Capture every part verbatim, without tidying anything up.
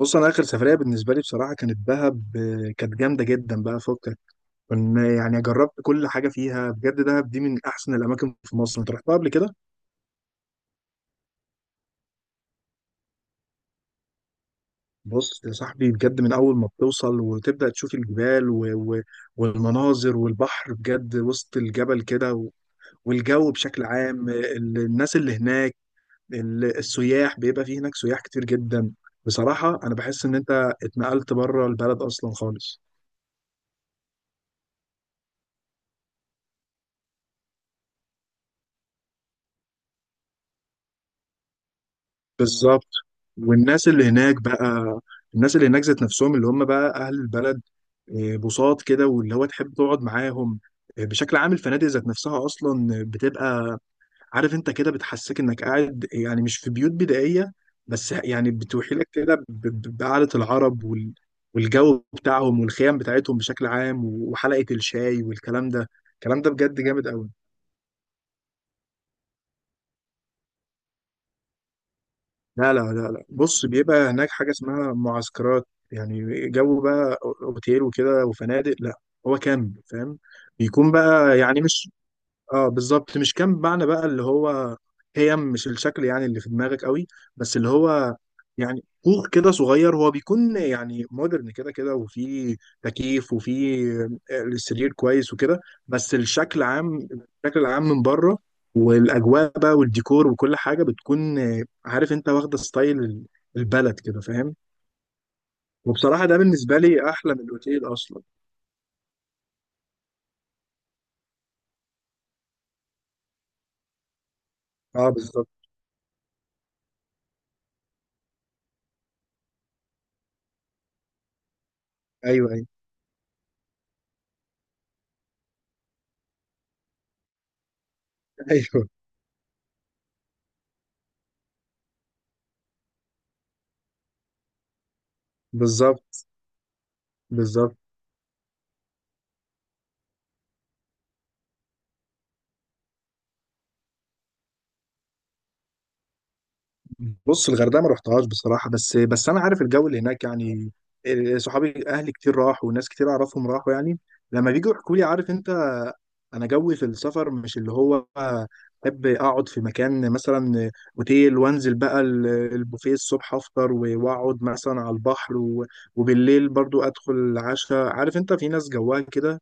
بص انا اخر سفريه بالنسبه لي بصراحه كانت دهب آه، كانت جامده جدا بقى فكك. كنا يعني جربت كل حاجه فيها بجد. دهب دي من احسن الاماكن في مصر، انت رحتها قبل كده؟ بص يا صاحبي بجد من اول ما بتوصل وتبدا تشوف الجبال و... و... والمناظر والبحر بجد وسط الجبل كده و... والجو بشكل عام آه، ال- الناس اللي هناك، ال- السياح بيبقى فيه هناك سياح كتير جدا. بصراحه انا بحس ان انت اتنقلت بره البلد اصلا خالص. بالظبط. والناس اللي هناك بقى، الناس اللي هناك ذات نفسهم اللي هم بقى اهل البلد، آه، بساط كده واللي هو تحب تقعد معاهم. آه، بشكل عام الفنادق ذات نفسها اصلا بتبقى، عارف انت كده، بتحسسك انك قاعد يعني مش في بيوت بدائيه، بس يعني بتوحي لك كده ب- ب- بقعده العرب وال- والجو بتاعهم والخيام بتاعتهم بشكل عام وحلقه الشاي والكلام ده. الكلام ده بجد جامد قوي. لا لا لا لا، بص بيبقى هناك حاجة اسمها معسكرات. يعني جو بقى اوتيل وكده وفنادق، لا. هو كامب، فاهم؟ بيكون بقى يعني مش، اه بالظبط، مش كام معنى بقى اللي هو، هيم مش الشكل يعني اللي في دماغك قوي، بس اللي هو، يعني كوخ كده صغير، هو بيكون يعني مودرن كده كده، وفيه تكييف، وفيه السرير كويس وكده، بس الشكل عام، الشكل العام من بره والاجواء بقى والديكور وكل حاجه بتكون آه، عارف انت، واخده ستايل ال- البلد كده، فاهم؟ وبصراحه ده بالنسبه لي احلى من الاوتيل اصلا. اه بالظبط. ايوه ايوه. ايوه. بالظبط. بالظبط. بص الغردقه ما رحتهاش بصراحه، بس بس انا عارف الجو اللي هناك يعني. إيه، صحابي اهلي كتير راحوا وناس كتير اعرفهم راحوا يعني، لما بيجوا يحكوا لي، عارف انت. انا جوي في السفر مش اللي هو احب اقعد في مكان مثلا اوتيل وانزل بقى ال- البوفيه الصبح افطر و- واقعد مثلا على البحر و- وبالليل برضو ادخل العشاء، عارف انت في ناس جواها كده،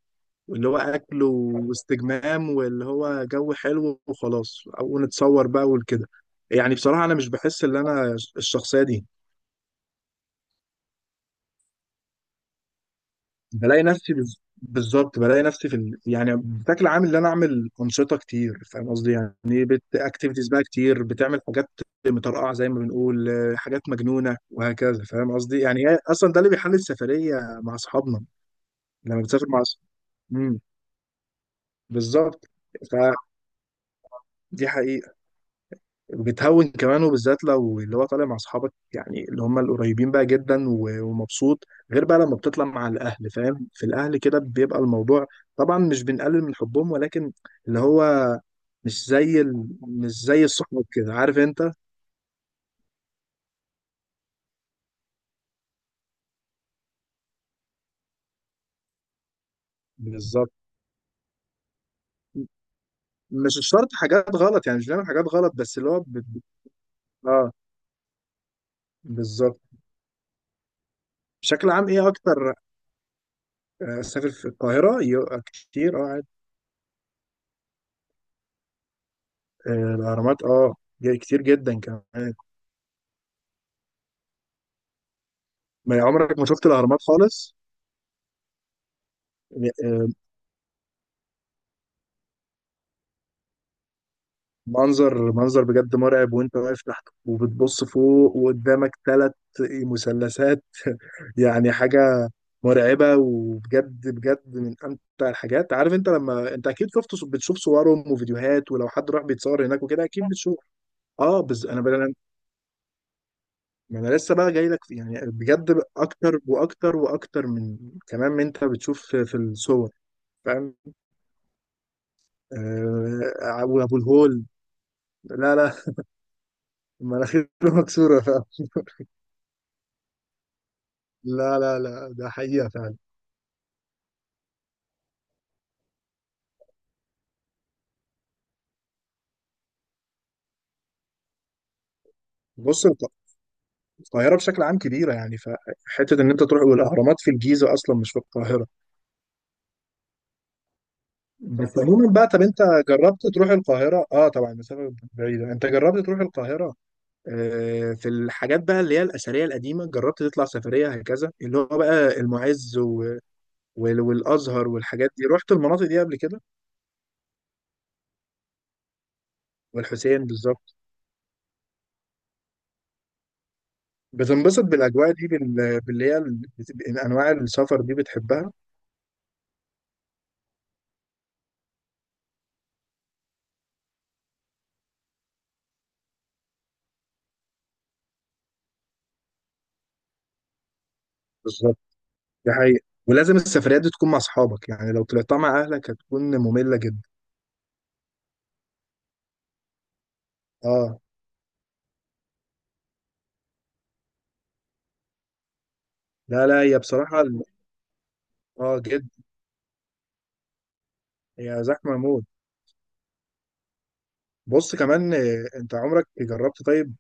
واللي هو اكل واستجمام واللي هو جو حلو وخلاص او نتصور بقى وكده. يعني بصراحه انا مش بحس ان انا الشخصيه دي. بلاقي نفسي بز- بالظبط، بلاقي نفسي في ال... يعني بشكل عام ان انا اعمل انشطه كتير، فاهم قصدي؟ يعني بت اكتيفيتيز بقى كتير، بتعمل حاجات مطرقعه زي ما بنقول آه، حاجات مجنونه وهكذا، فاهم قصدي؟ يعني هي اصلا ده اللي بيحل السفريه مع اصحابنا. لما بتسافر مع أص- امم، بالظبط. فدي حقيقه، بتهون كمان، وبالذات لو اللي هو طالع مع اصحابك يعني اللي هم القريبين بقى جدا و- ومبسوط. غير بقى لما بتطلع مع الاهل، فاهم؟ في الاهل كده بيبقى الموضوع، طبعا مش بنقلل من حبهم، ولكن اللي هو مش زي ال... مش زي الصحاب كده، عارف انت. بالظبط. مش شرط حاجات غلط يعني، مش بنعمل حاجات غلط، بس اللي هو ب... ب- اه بالظبط. بشكل عام ايه اكتر. آه، سافر في القاهرة يو- كتير اه عادي. آه، الاهرامات اه، كتير جدا كمان. ما عمرك ما شفت الاهرامات خالص؟ آه، منظر منظر بجد مرعب، وانت واقف تحت وبتبص فوق وقدامك ثلاث مثلثات يعني، حاجة مرعبة، وبجد بجد من امتع الحاجات، عارف انت؟ لما انت اكيد شفت، بتشوف صورهم وفيديوهات، ولو حد راح بيتصور هناك وكده اكيد بتشوف. اه بس انا بل... ما انا لسه بقى جاي لك في، يعني بجد اكتر واكتر واكتر من كمان من انت بتشوف في في الصور، فاهم؟ آه، وابو الهول. لا لا، مناخيره مكسوره، فاهم؟ لا لا لا، ده حقيقة فعلا. بص الق- القاهرة بشكل عام كبيرة يعني، فحتة إن أنت تروح، والأهرامات في الجيزة أصلا مش في القاهرة، بس عموما بقى. طب أنت جربت تروح القاهرة؟ أه طبعا المسافة بعيدة. أنت جربت تروح القاهرة؟ آه، في الحاجات بقى اللي هي الأثرية القديمة، جربت تطلع سفرية هكذا اللي هو بقى المعز و... وال... والأزهر والحاجات دي، رحت المناطق دي قبل كده؟ والحسين، بالظبط. بتنبسط بالأجواء دي بال... باللي هي ال- بت- أنواع السفر دي بتحبها؟ دي حقيقة. ولازم السفريات دي تكون مع أصحابك يعني، لو طلعتها مع أهلك هتكون مملة جدا. اه. لا لا، هي بصراحة ال-. اه جدا. هي زحمة موت. بص كمان آه، انت عمرك جربت طيب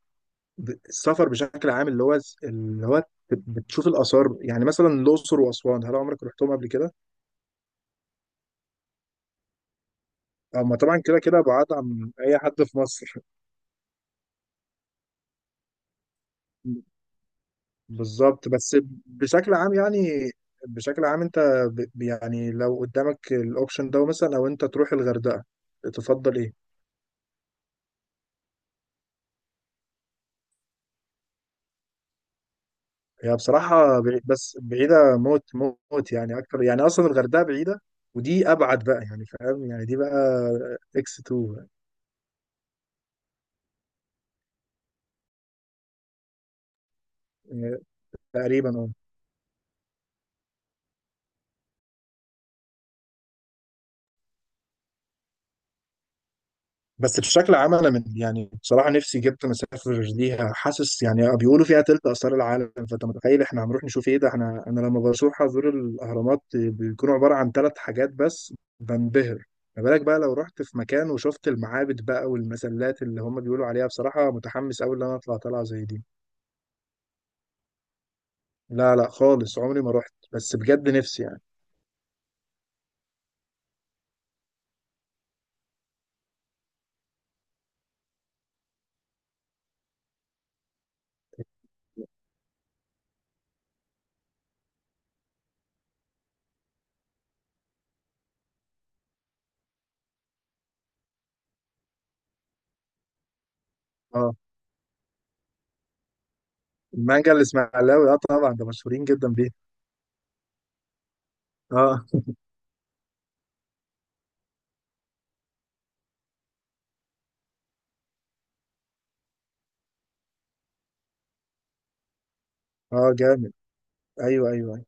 ب- السفر بشكل عام اللي هو، اللي هو بت- بتشوف الآثار، يعني مثلا الأقصر وأسوان، هل عمرك رحتهم قبل كده؟ أما طبعا كده كده بعاد عن أي حد في مصر. بالظبط بس. بشكل عام يعني، بشكل عام انت ب- يعني لو قدامك الأوبشن ده مثلا، لو انت تروح الغردقة، تفضل ايه؟ هي بصراحة بعيد، بس بعيدة موت، موت يعني أكتر، يعني أصلا الغردقة بعيدة، ودي أبعد بقى، يعني فاهم يعني دي بقى إكس اتنين يعني. تقريبا أه. بس بشكل عام أنا من، يعني بصراحة نفسي جدا أسافر ليها، حاسس يعني آه، بيقولوا فيها تلت آثار العالم، فأنت متخيل إحنا هنروح نشوف إيه؟ ده إحنا أنا لما بروح أزور الأهرامات بيكونوا عبارة عن ثلاث حاجات بس بنبهر، ما بالك بقى لو رحت في مكان وشفت المعابد بقى والمسلات اللي هم بيقولوا عليها؟ بصراحة متحمس أوي إن أنا أطلع طلعة زي دي. لا لا خالص عمري ما رحت، بس بجد نفسي يعني. اه. المانجا الاسماعيلاوي، اه طبعا ده مشهورين جدا بيه. اه. اه جامد. ايوه ايوه أيوة.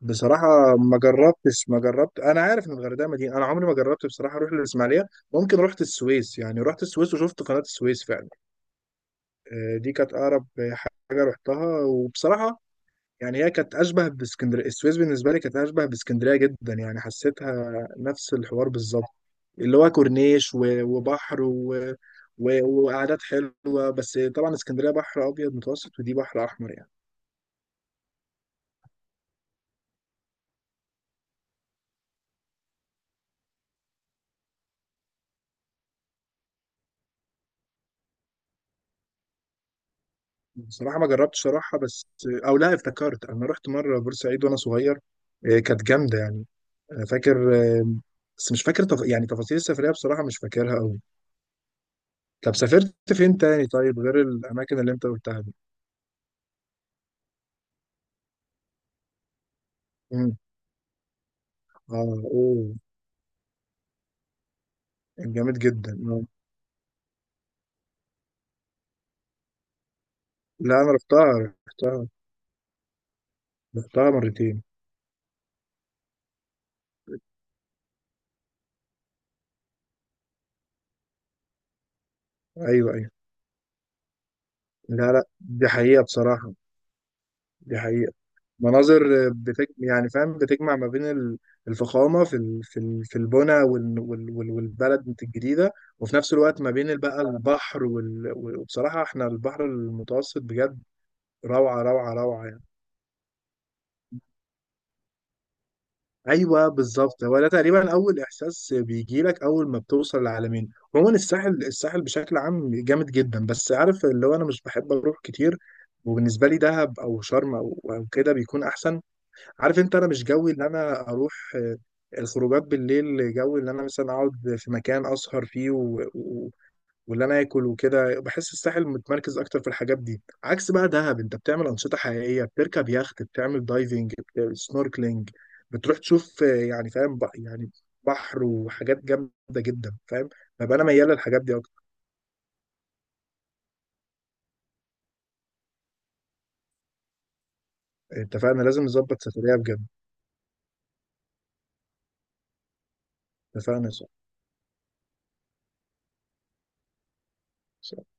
بصراحة ما جربتش، ما جربت. أنا عارف إن الغردقة مدينة، أنا عمري ما جربت بصراحة أروح للإسماعيلية. ممكن رحت السويس يعني، رحت السويس وشفت قناة السويس فعلا. آه، دي كانت أقرب حاجة رحتها، وبصراحة يعني هي كانت اشبه باسكندريه. السويس بالنسبه لي كانت اشبه باسكندريه جدا يعني، حسيتها نفس الحوار بالظبط. اللي هو كورنيش و- وبحر و... و... وقعدات حلوه، بس طبعا اسكندريه بحر ابيض متوسط، ودي بحر احمر يعني. بصراحه ما جربتش صراحه، بس او لا افتكرت انا رحت مره بورسعيد وانا صغير، إيه، كانت جامده يعني. انا فاكر آه، بس مش فاكر تف... يعني تفاصيل السفريه بصراحه مش فاكرها قوي. طب سافرت فين تاني طيب غير الاماكن اللي انت قلتها دي؟ امم. اه. اوه. جامد جدا آه. لا انا رحتها، رحتها، رحتها مرتين. ايوه ايوه. لا لا دي حقيقه بصراحه، دي حقيقه. مناظر آه، بتج... يعني فاهم بتجمع ما بين ال- الفخامه في ال... في ال... في البنى وال... وال... وال... والبلد الجديده، وفي نفس الوقت ما بين بقى البحر وال... وبصراحه احنا البحر المتوسط بجد، روعه روعه روعه ايوه بالظبط، هو ده تقريبا اول احساس بيجي لك اول ما بتوصل العلمين. عموما الساحل الساحل بشكل عام جامد جدا، بس عارف اللي هو انا مش بحب اروح كتير، وبالنسبه لي دهب او شرم او او كده بيكون احسن. عارف انت انا مش جوي ان انا اروح آه، الخروجات بالليل، جو ان انا مثلا اقعد في مكان اسهر فيه و- واللي انا اكل وكده، بحس الساحل متمركز اكتر في الحاجات دي، عكس بقى دهب انت بتعمل انشطه حقيقيه، بتركب يخت، بتعمل دايفنج، سنوركلينج، بتروح تشوف آه، يعني فاهم بق- يعني بحر وحاجات جامده جدا، فاهم؟ فبقى انا ميال للحاجات دي اكتر. اتفقنا، لازم نظبط سفريه بجد. اتفقنا. صح.